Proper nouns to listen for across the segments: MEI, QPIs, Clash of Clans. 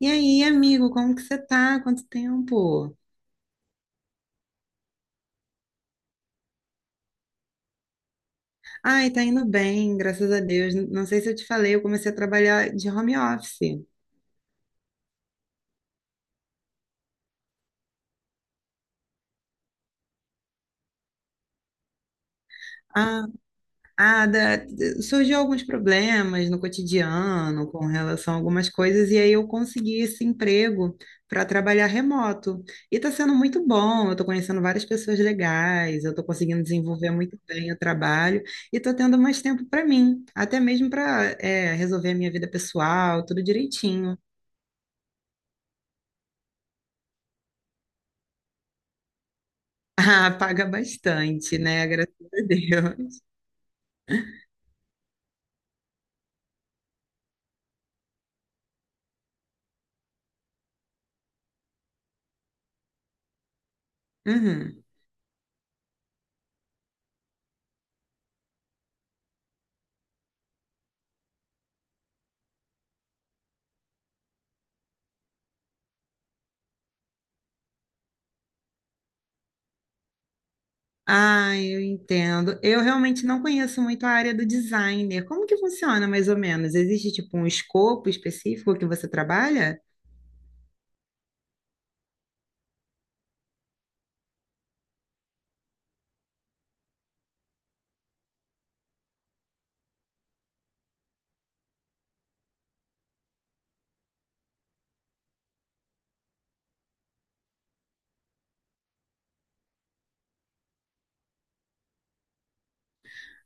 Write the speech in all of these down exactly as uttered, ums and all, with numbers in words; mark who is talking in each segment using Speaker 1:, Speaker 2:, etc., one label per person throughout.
Speaker 1: E aí, amigo, como que você tá? Quanto tempo? Ai, tá indo bem, graças a Deus. Não sei se eu te falei, eu comecei a trabalhar de home office. Ah, ah, da- surgiu alguns problemas no cotidiano com relação a algumas coisas, e aí eu consegui esse emprego para trabalhar remoto. E tá sendo muito bom, eu tô conhecendo várias pessoas legais, eu tô conseguindo desenvolver muito bem o trabalho e tô tendo mais tempo para mim, até mesmo para resolver a minha vida pessoal, tudo direitinho. Ah, paga bastante, né? Graças a Deus. Uhum. Ah, eu entendo. Eu realmente não conheço muito a área do designer. Como que funciona, mais ou menos? Existe, tipo, um escopo específico que você trabalha?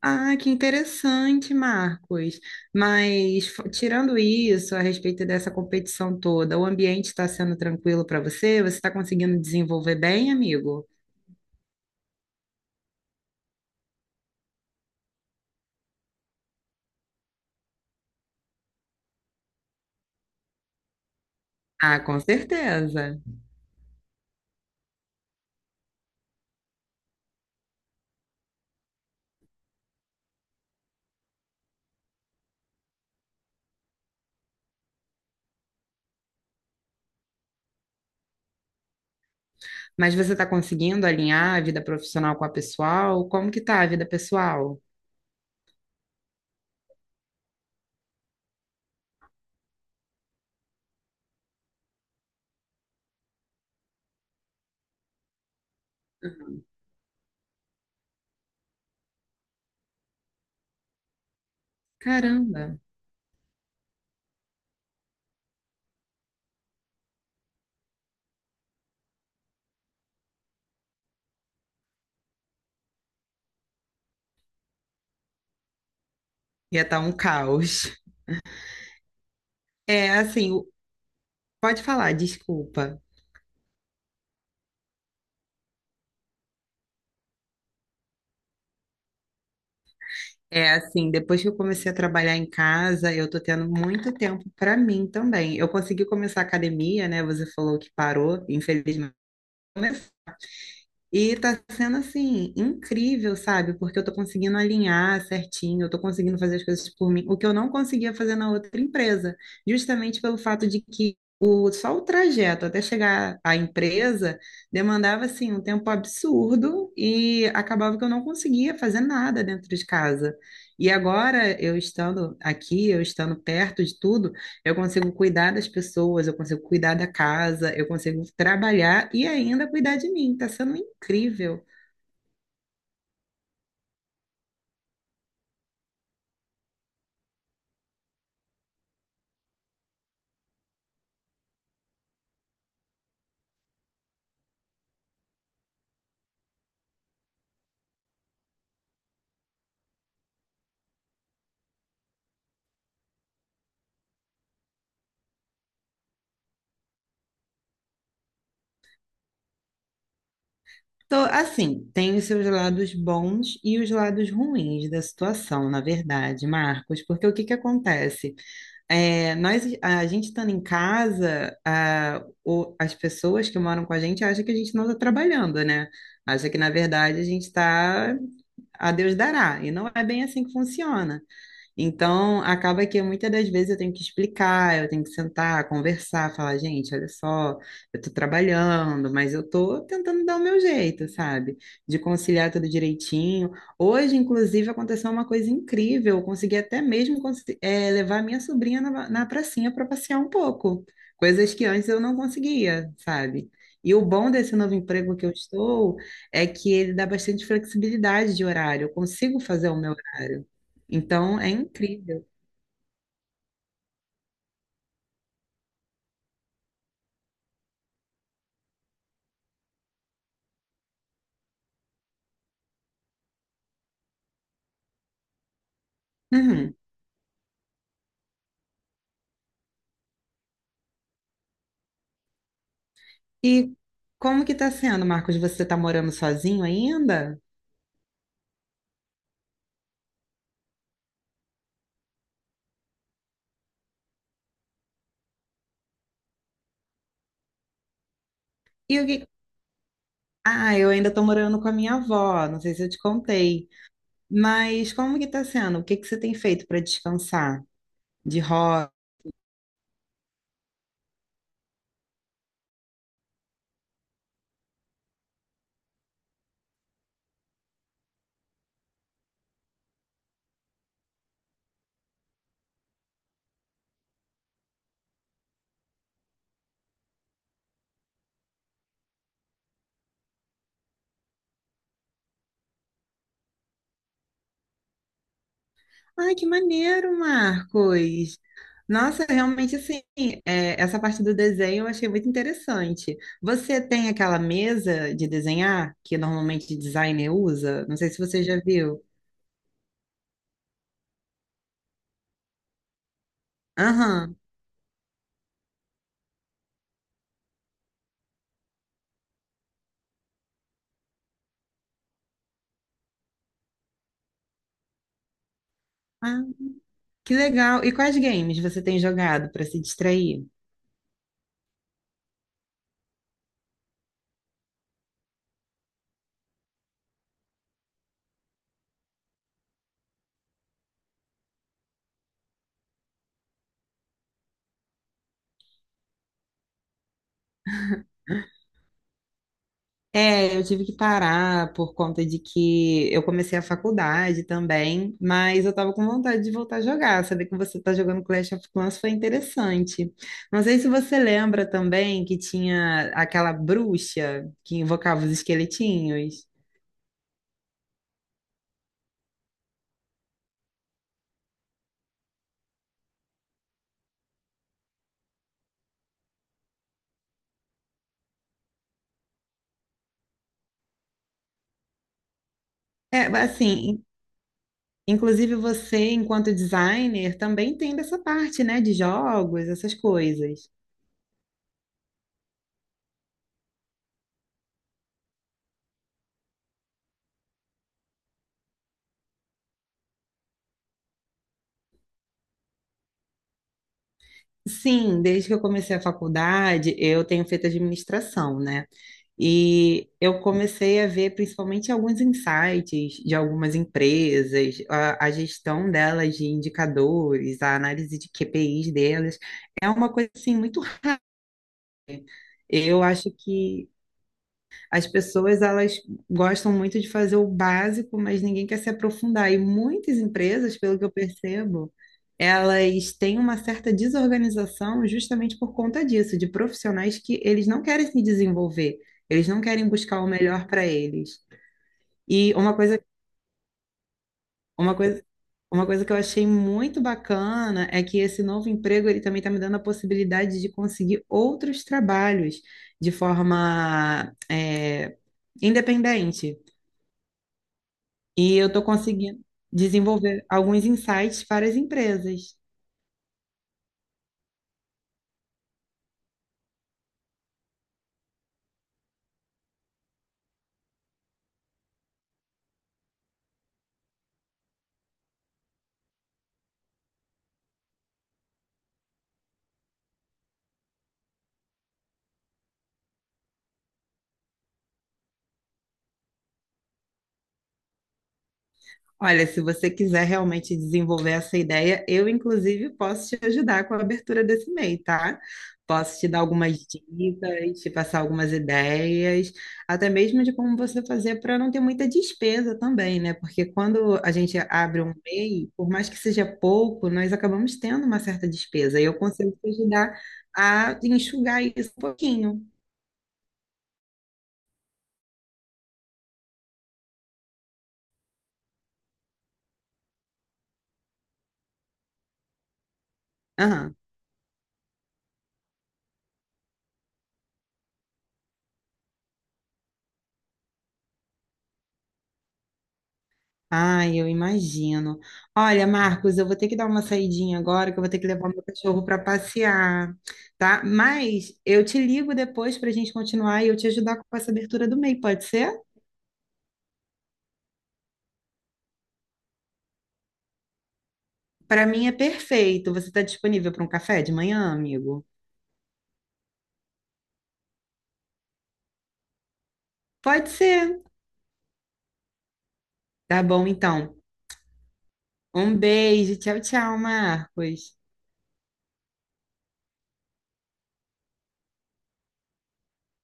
Speaker 1: Ah, que interessante, Marcos. Mas, f- tirando isso, a respeito dessa competição toda, o ambiente está sendo tranquilo para você? Você está conseguindo desenvolver bem, amigo? Ah, com certeza. Mas você está conseguindo alinhar a vida profissional com a pessoal? Como que tá a vida pessoal? Caramba, ia estar um caos. É assim, o- Pode falar, desculpa. É assim, depois que eu comecei a trabalhar em casa, eu tô tendo muito tempo para mim também. Eu consegui começar a academia, né? Você falou que parou, infelizmente. E tá sendo assim, incrível, sabe? Porque eu tô conseguindo alinhar certinho, eu tô conseguindo fazer as coisas por mim, o que eu não conseguia fazer na outra empresa, justamente pelo fato de que o, só o trajeto até chegar à empresa demandava assim um tempo absurdo e acabava que eu não conseguia fazer nada dentro de casa. E agora, eu estando aqui, eu estando perto de tudo, eu consigo cuidar das pessoas, eu consigo cuidar da casa, eu consigo trabalhar e ainda cuidar de mim. Tá sendo incrível. Tô, assim, tem os seus lados bons e os lados ruins da situação, na verdade, Marcos, porque o que que acontece? É, nós, a gente estando em casa, a, o- as pessoas que moram com a gente acham que a gente não está trabalhando, né? Acha que, na verdade, a gente está a Deus dará. E não é bem assim que funciona. Então, acaba que muitas das vezes eu tenho que explicar, eu tenho que sentar, conversar, falar, gente, olha só, eu tô trabalhando, mas eu tô tentando dar o meu jeito, sabe? De conciliar tudo direitinho. Hoje, inclusive, aconteceu uma coisa incrível, eu consegui até mesmo consi- eh, levar minha sobrinha na, na pracinha para passear um pouco, coisas que antes eu não conseguia, sabe? E o bom desse novo emprego que eu estou é que ele dá bastante flexibilidade de horário, eu consigo fazer o meu horário. Então é incrível. Uhum. E como que tá sendo, Marcos? Você tá morando sozinho ainda? E o que... Ah, eu ainda tô morando com a minha avó, não sei se eu te contei. Mas como que tá sendo? O que que você tem feito para descansar? De hobby? Ai, que maneiro, Marcos! Nossa, realmente assim, é, essa parte do desenho eu achei muito interessante. Você tem aquela mesa de desenhar que normalmente designer usa? Não sei se você já viu. Aham. Ah, que legal. E quais games você tem jogado para se distrair? É, eu tive que parar por conta de que eu comecei a faculdade também, mas eu tava com vontade de voltar a jogar. Saber que você tá jogando Clash of Clans foi interessante. Não sei se você lembra também que tinha aquela bruxa que invocava os esqueletinhos. É, assim, inclusive você, enquanto designer, também tem dessa parte, né, de jogos, essas coisas. Sim, desde que eu comecei a faculdade, eu tenho feito administração, né? E eu comecei a ver principalmente alguns insights de algumas empresas, a, a gestão delas de indicadores, a análise de Q P I s delas. É uma coisa assim muito. Eu acho que as pessoas elas gostam muito de fazer o básico, mas ninguém quer se aprofundar. E muitas empresas, pelo que eu percebo, elas têm uma certa desorganização justamente por conta disso, de profissionais que eles não querem se desenvolver, eles não querem buscar o melhor para eles. E uma coisa, uma coisa, uma coisa que eu achei muito bacana é que esse novo emprego ele também está me dando a possibilidade de conseguir outros trabalhos de forma é, independente. E eu estou conseguindo desenvolver alguns insights para as empresas. Olha, se você quiser realmente desenvolver essa ideia, eu, inclusive, posso te ajudar com a abertura desse mail, tá? Posso te dar algumas dicas, te passar algumas ideias, até mesmo de como você fazer para não ter muita despesa também, né? Porque quando a gente abre um mail, por mais que seja pouco, nós acabamos tendo uma certa despesa. E eu consigo te ajudar a enxugar isso um pouquinho. Aham. Ai, eu imagino. Olha, Marcos, eu vou ter que dar uma saidinha agora, que eu vou ter que levar meu cachorro para passear, tá? Mas eu te ligo depois para a gente continuar e eu te ajudar com essa abertura do M E I, pode ser? Para mim é perfeito. Você está disponível para um café de manhã, amigo? Pode ser. Tá bom, então. Um beijo. Tchau, tchau, Marcos.